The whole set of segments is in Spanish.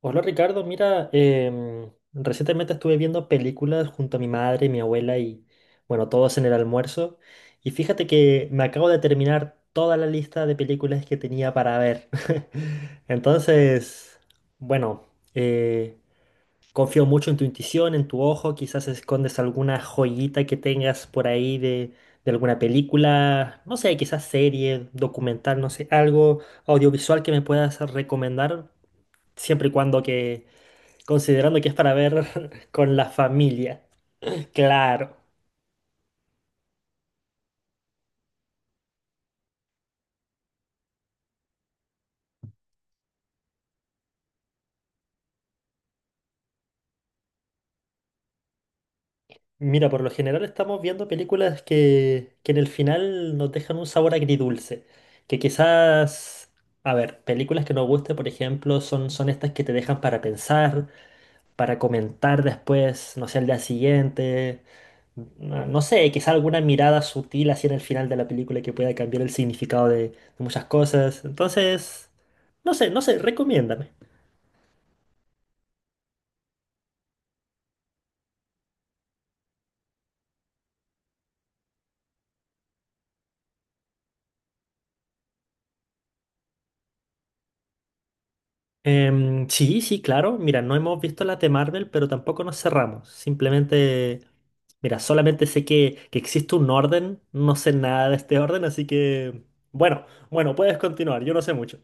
Hola Ricardo, mira, recientemente estuve viendo películas junto a mi madre y mi abuela y bueno, todos en el almuerzo. Y fíjate que me acabo de terminar toda la lista de películas que tenía para ver. Entonces, bueno, eh, confío mucho en tu intuición, en tu ojo, quizás escondes alguna joyita que tengas por ahí de alguna película, no sé, quizás serie, documental, no sé, algo audiovisual que me puedas recomendar, siempre y cuando que considerando que es para ver con la familia. Claro. Mira, por lo general estamos viendo películas que en el final nos dejan un sabor agridulce. Que quizás, a ver, películas que nos gusten, por ejemplo, son estas que te dejan para pensar, para comentar después, no sé, al día siguiente. No, no sé, quizás alguna mirada sutil así en el final de la película que pueda cambiar el significado de muchas cosas. Entonces, no sé, no sé, recomiéndame. Sí, sí, claro. Mira, no hemos visto las de Marvel, pero tampoco nos cerramos. Simplemente, mira, solamente sé que existe un orden. No sé nada de este orden, así que, bueno, bueno, puedes continuar. Yo no sé mucho.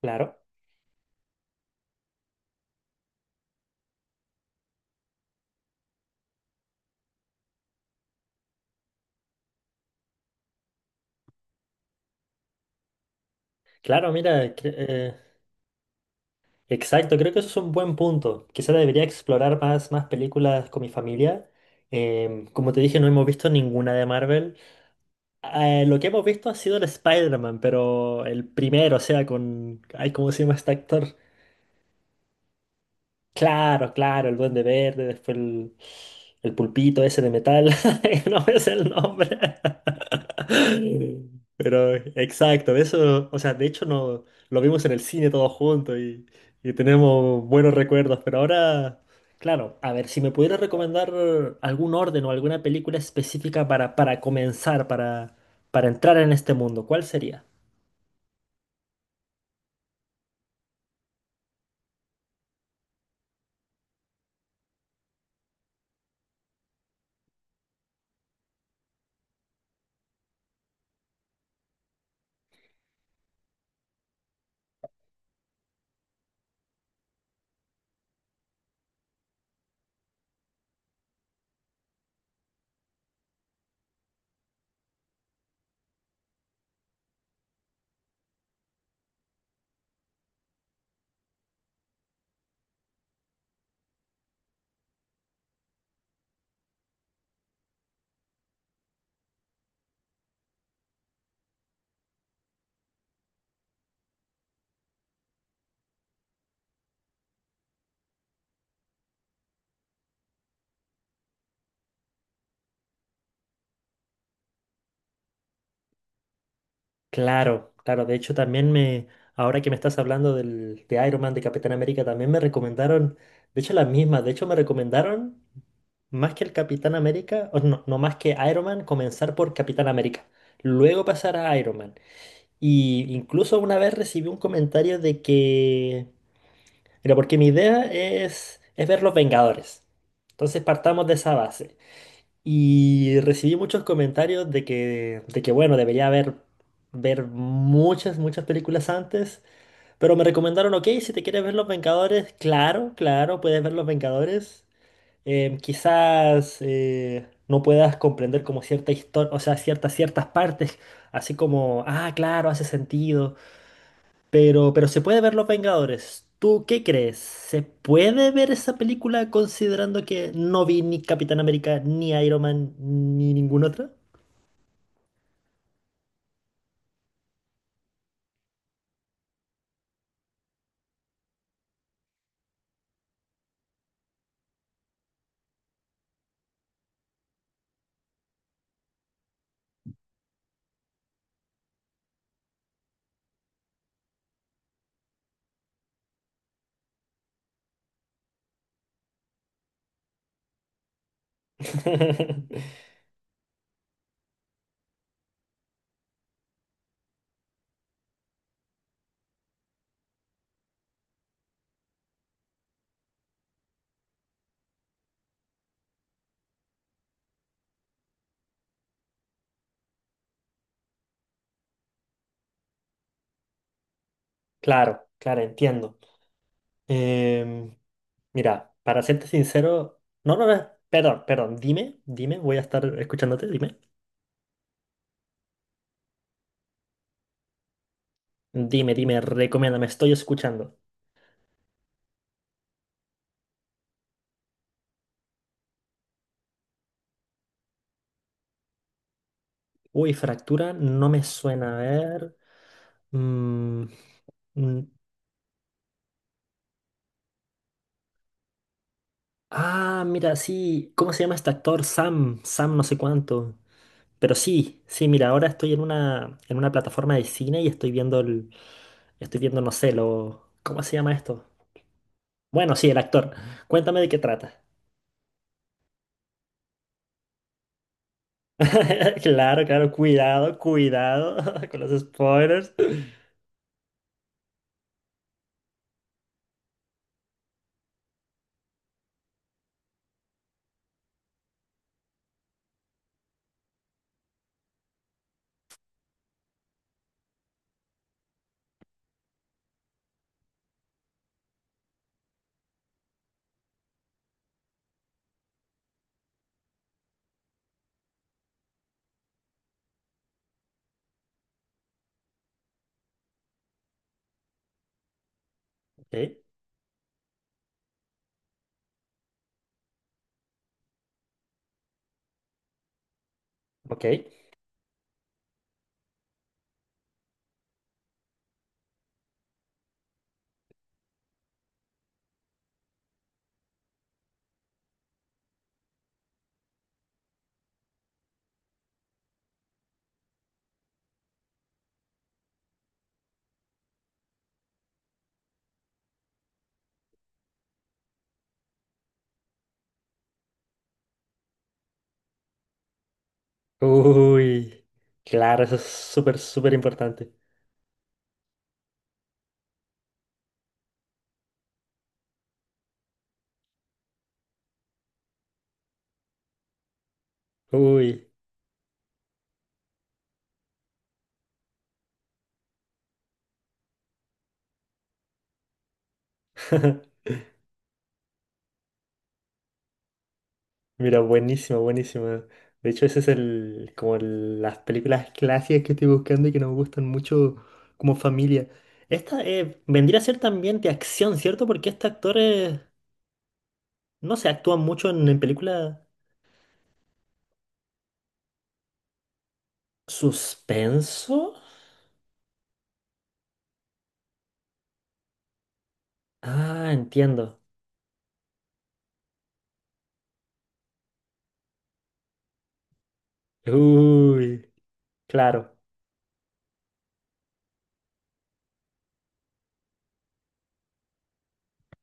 Claro, claro, mira, exacto. Creo que eso es un buen punto. Quizá debería explorar más películas con mi familia. Como te dije, no hemos visto ninguna de Marvel. Lo que hemos visto ha sido el Spider-Man, pero el primero, o sea, con... Ay, ¿cómo se llama este actor? Claro, claro, el Duende Verde, después el pulpito ese de metal, no es el nombre. Pero exacto, eso, o sea, de hecho no, lo vimos en el cine todos juntos y tenemos buenos recuerdos, pero ahora, claro, a ver, si me pudieras recomendar algún orden o alguna película específica para comenzar, para entrar en este mundo, ¿cuál sería? Claro, claro. De hecho, también me, ahora que me estás hablando de Iron Man, de Capitán América, también me recomendaron, de hecho, las mismas. De hecho, me recomendaron más que el Capitán América, o no, no más que Iron Man, comenzar por Capitán América, luego pasar a Iron Man. Y incluso una vez recibí un comentario de que, mira, porque mi idea es ver Los Vengadores. Entonces partamos de esa base. Y recibí muchos comentarios de que bueno, debería haber ver muchas películas antes, pero me recomendaron, ok, si te quieres ver Los Vengadores, claro, claro, puedes ver Los Vengadores. Quizás no puedas comprender como cierta historia, o sea, ciertas partes, así como, ah, claro, hace sentido. Pero se puede ver Los Vengadores. ¿Tú qué crees? ¿Se puede ver esa película considerando que no vi ni Capitán América, ni Iron Man, ni ninguna otra? Claro, claro, entiendo. Em, Mira, para serte sincero, no, no, no, perdón, perdón, dime, dime, voy a estar escuchándote, dime. Dime, dime, recomiéndame, estoy escuchando. Uy, fractura, no me suena a ver. Mm, mm. Ah, mira, sí. ¿Cómo se llama este actor? Sam, Sam no sé cuánto. Pero sí, sí, mira, ahora estoy en una plataforma de cine y estoy viendo estoy viendo, no sé, lo, ¿cómo se llama esto? Bueno, sí, el actor. Cuéntame de qué trata. Claro, claro, cuidado, cuidado con los spoilers. Ok, ok. Uy, claro, eso es súper, súper importante. Uy. Mira, buenísimo, buenísimo. De hecho, ese es las películas clásicas que estoy buscando y que nos gustan mucho como familia. Esta vendría a ser también de acción, ¿cierto? Porque este actor, no se actúa mucho en películas suspenso. Ah, entiendo. Uy, claro,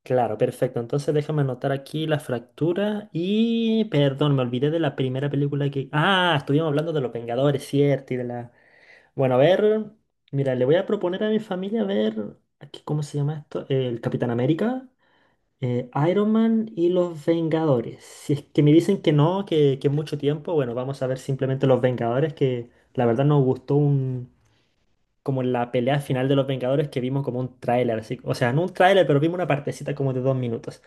claro, perfecto. Entonces déjame anotar aquí la fractura y, perdón, me olvidé de la primera película que... Ah, estuvimos hablando de Los Vengadores, ¿cierto? Y de la... Bueno, a ver, mira, le voy a proponer a mi familia ver, aquí, ¿cómo se llama esto? El Capitán América, Iron Man y los Vengadores. Si es que me dicen que no, que es mucho tiempo, bueno, vamos a ver simplemente los Vengadores, que la verdad nos gustó un, como la pelea final de los Vengadores que vimos como un tráiler, así, o sea, no un tráiler, pero vimos una partecita como de 2 minutos.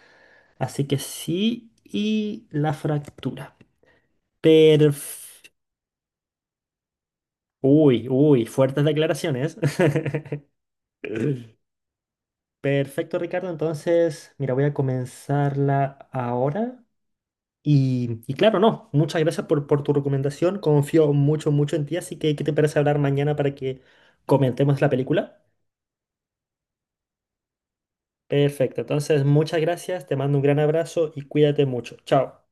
Así que sí, y la fractura. Perf- Uy, uy, fuertes declaraciones. Perfecto, Ricardo. Entonces, mira, voy a comenzarla ahora. Y claro, no, muchas gracias por tu recomendación. Confío mucho, mucho en ti. Así que, ¿qué te parece hablar mañana para que comentemos la película? Perfecto. Entonces, muchas gracias. Te mando un gran abrazo y cuídate mucho. Chao.